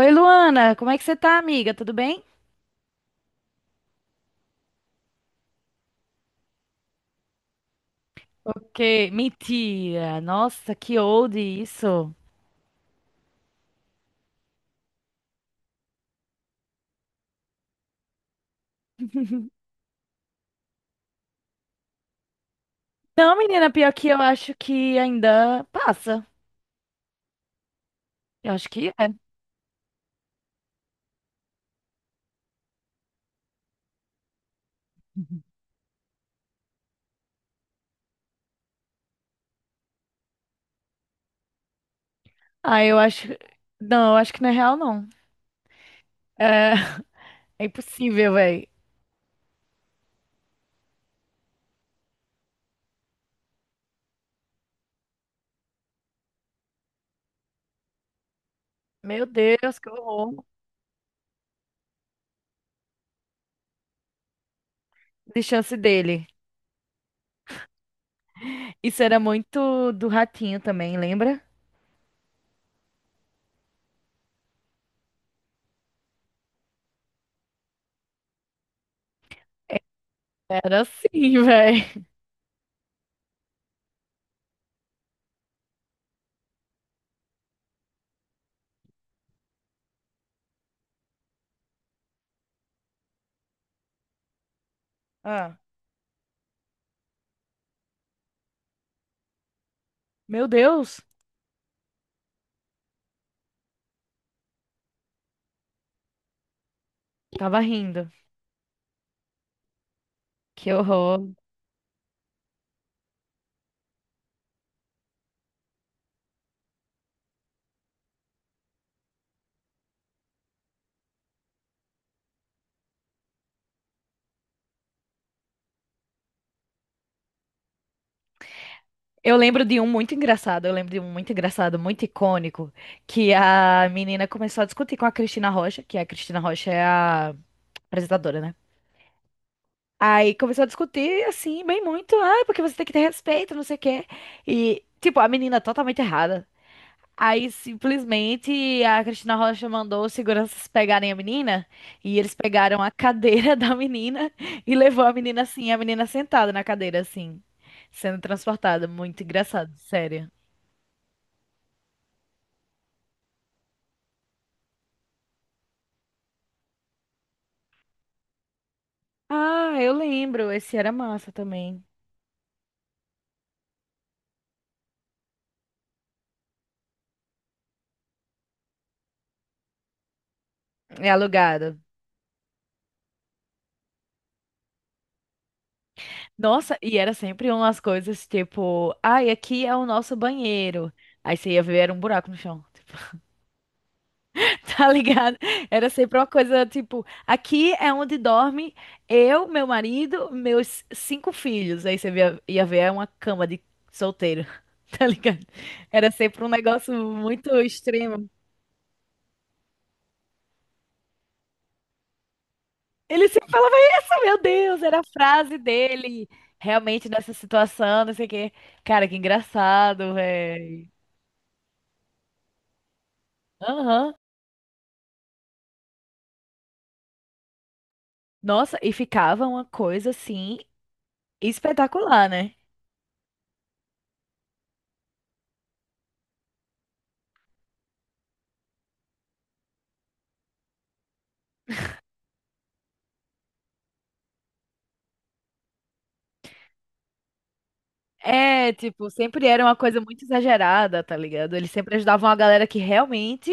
Oi, Luana, como é que você tá, amiga? Tudo bem? Que mentira! Nossa, que old isso. Não, menina, pior que eu acho que ainda passa. Eu acho que é. Ah, eu acho. Não, eu acho que não é real, não. É, é impossível, velho. Meu Deus, que horror de chance dele. Isso era muito do ratinho também, lembra? Era assim, velho. Ah, meu Deus, tava rindo. Que horror. Eu lembro de um muito engraçado, eu lembro de um muito engraçado, muito icônico, que a menina começou a discutir com a Cristina Rocha, que a Cristina Rocha é a apresentadora, né? Aí começou a discutir, assim, bem muito, ah, é porque você tem que ter respeito, não sei o quê. E, tipo, a menina totalmente errada. Aí, simplesmente, a Cristina Rocha mandou os seguranças pegarem a menina, e eles pegaram a cadeira da menina e levou a menina assim, a menina sentada na cadeira, assim, sendo transportada. Muito engraçado, sério. Ah, eu lembro. Esse era massa também. É alugado. Nossa, e era sempre umas coisas tipo, ai, aqui é o nosso banheiro. Aí você ia ver, era um buraco no chão. Tá ligado? Era sempre uma coisa tipo, aqui é onde dorme eu, meu marido, meus cinco filhos. Aí você ia ver, é uma cama de solteiro. Tá ligado? Era sempre um negócio muito. Ele sempre falava isso, meu Deus, era a frase dele. Realmente nessa situação, não sei o quê. Cara, que engraçado, velho. Aham. Nossa, e ficava uma coisa assim espetacular, né? É, tipo, sempre era uma coisa muito exagerada, tá ligado? Eles sempre ajudavam a galera que realmente,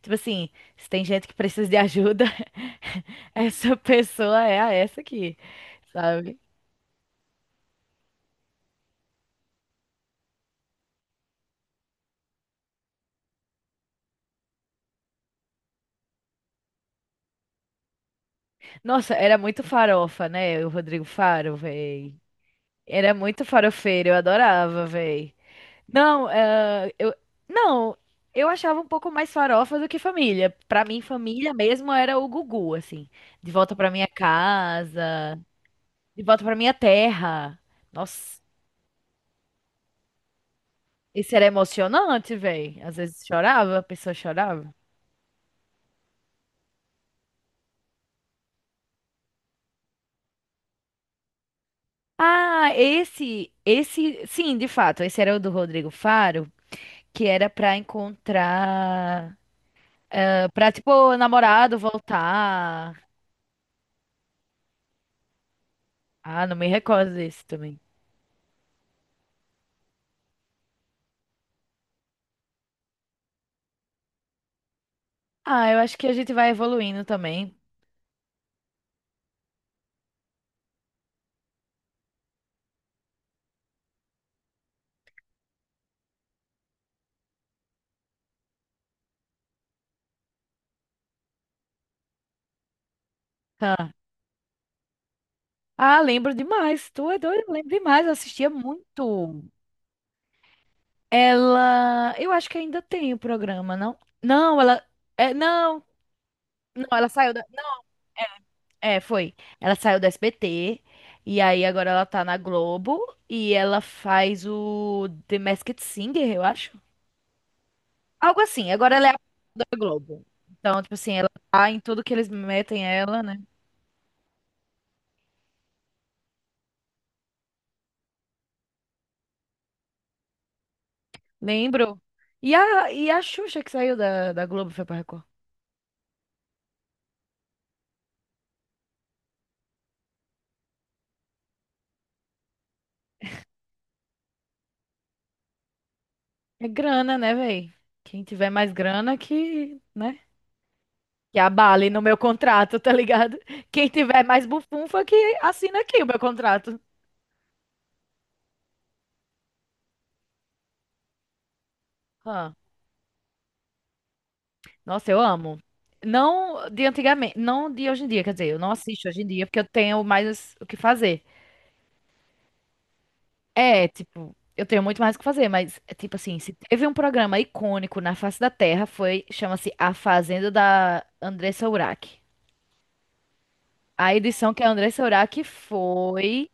tipo assim, se tem gente que precisa de ajuda, essa pessoa é a essa aqui, sabe? Nossa, era muito farofa, né? O Rodrigo Faro, velho. Era muito farofeiro, eu adorava, véi. Não, eh, eu não, eu achava um pouco mais farofa do que família. Pra mim, família mesmo era o Gugu, assim, de volta pra minha casa, de volta pra minha terra. Nossa, esse era emocionante, véi. Às vezes chorava, a pessoa chorava. Ah, esse, sim, de fato, esse era o do Rodrigo Faro, que era pra encontrar, pra tipo namorado voltar. Ah, não me recordo desse também. Ah, eu acho que a gente vai evoluindo também. Ah, ah, lembro demais. Tu é doido, lembro demais. Eu assistia muito. Ela. Eu acho que ainda tem o programa, não? Não, ela. É, não, não, ela saiu da. É, foi. Ela saiu da SBT. E aí agora ela tá na Globo. E ela faz o The Masked Singer, eu acho. Algo assim. Agora ela é a da Globo. Então, tipo assim, ela tá em tudo que eles metem ela, né? Lembro. E a Xuxa que saiu da Globo foi pra Record. É grana, né, véi? Quem tiver mais grana que, né? Que abale no meu contrato, tá ligado? Quem tiver mais bufunfa que assina aqui o meu contrato. Ah, nossa, eu amo. Não de antigamente, não de hoje em dia, quer dizer, eu não assisto hoje em dia porque eu tenho mais o que fazer. É, tipo, eu tenho muito mais o que fazer, mas é tipo assim, se teve um programa icônico na face da Terra, foi, chama-se A Fazenda da Andressa Urach. A edição que a Andressa Urach foi.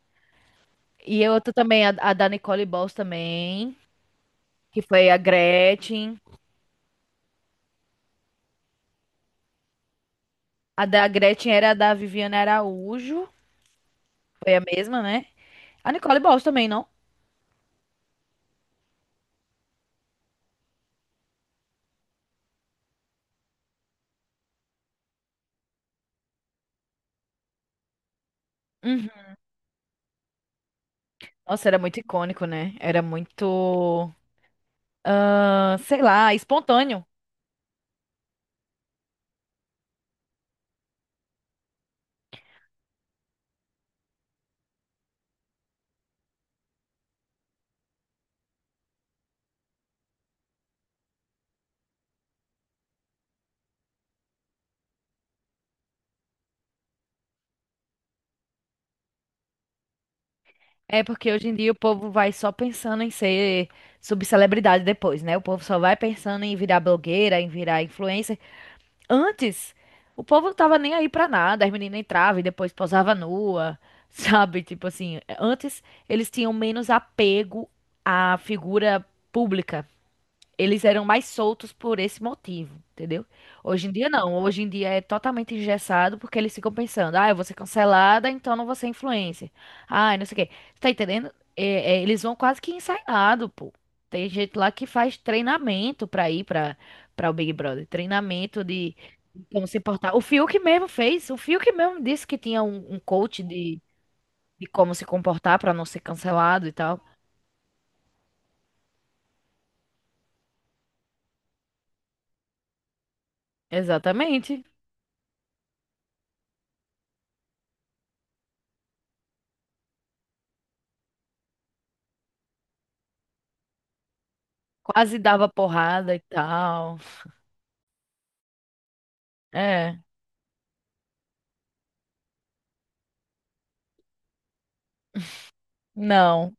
E eu tô também, a da Nicole Bols também, que foi a Gretchen. A da Gretchen era a da Viviane Araújo. Foi a mesma, né? A Nicole Bols também, não? Uhum. Nossa, era muito icônico, né? Era muito, ah, sei lá, espontâneo. É porque hoje em dia o povo vai só pensando em ser subcelebridade depois, né? O povo só vai pensando em virar blogueira, em virar influencer. Antes, o povo não tava nem aí pra nada, as meninas entravam e depois posava nua, sabe? Tipo assim, antes eles tinham menos apego à figura pública. Eles eram mais soltos por esse motivo, entendeu? Hoje em dia não. Hoje em dia é totalmente engessado porque eles ficam pensando, ah, eu vou ser cancelada, então não vou ser influencer. Ah, não sei o quê. Tá entendendo? É, eles vão quase que ensaiado, pô. Tem gente lá que faz treinamento pra ir pra o Big Brother. Treinamento de como se portar. O Fiuk mesmo fez. O Fiuk mesmo disse que tinha um coach de como se comportar pra não ser cancelado e tal. Exatamente. Quase dava porrada e tal. É. Não.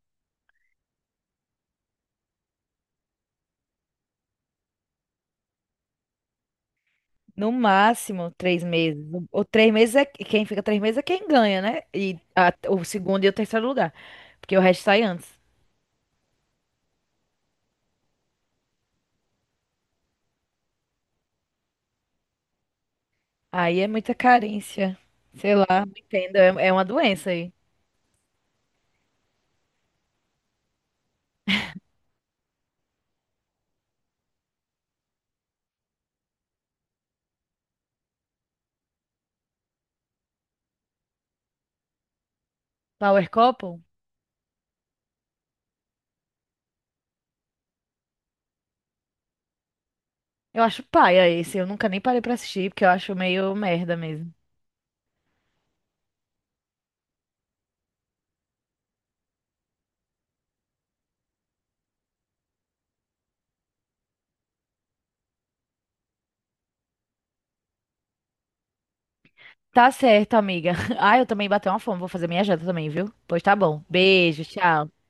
No máximo três meses. O três meses é quem fica três meses é quem ganha, né? E o segundo e o terceiro lugar. Porque o resto sai antes. Aí é muita carência. Sei lá, não entendo. É uma doença aí. Power Couple? Eu acho paia esse. Eu nunca nem parei pra assistir, porque eu acho meio merda mesmo. Tá certo, amiga. Ah, eu também bati uma fome. Vou fazer minha janta também, viu? Pois tá bom. Beijo, tchau.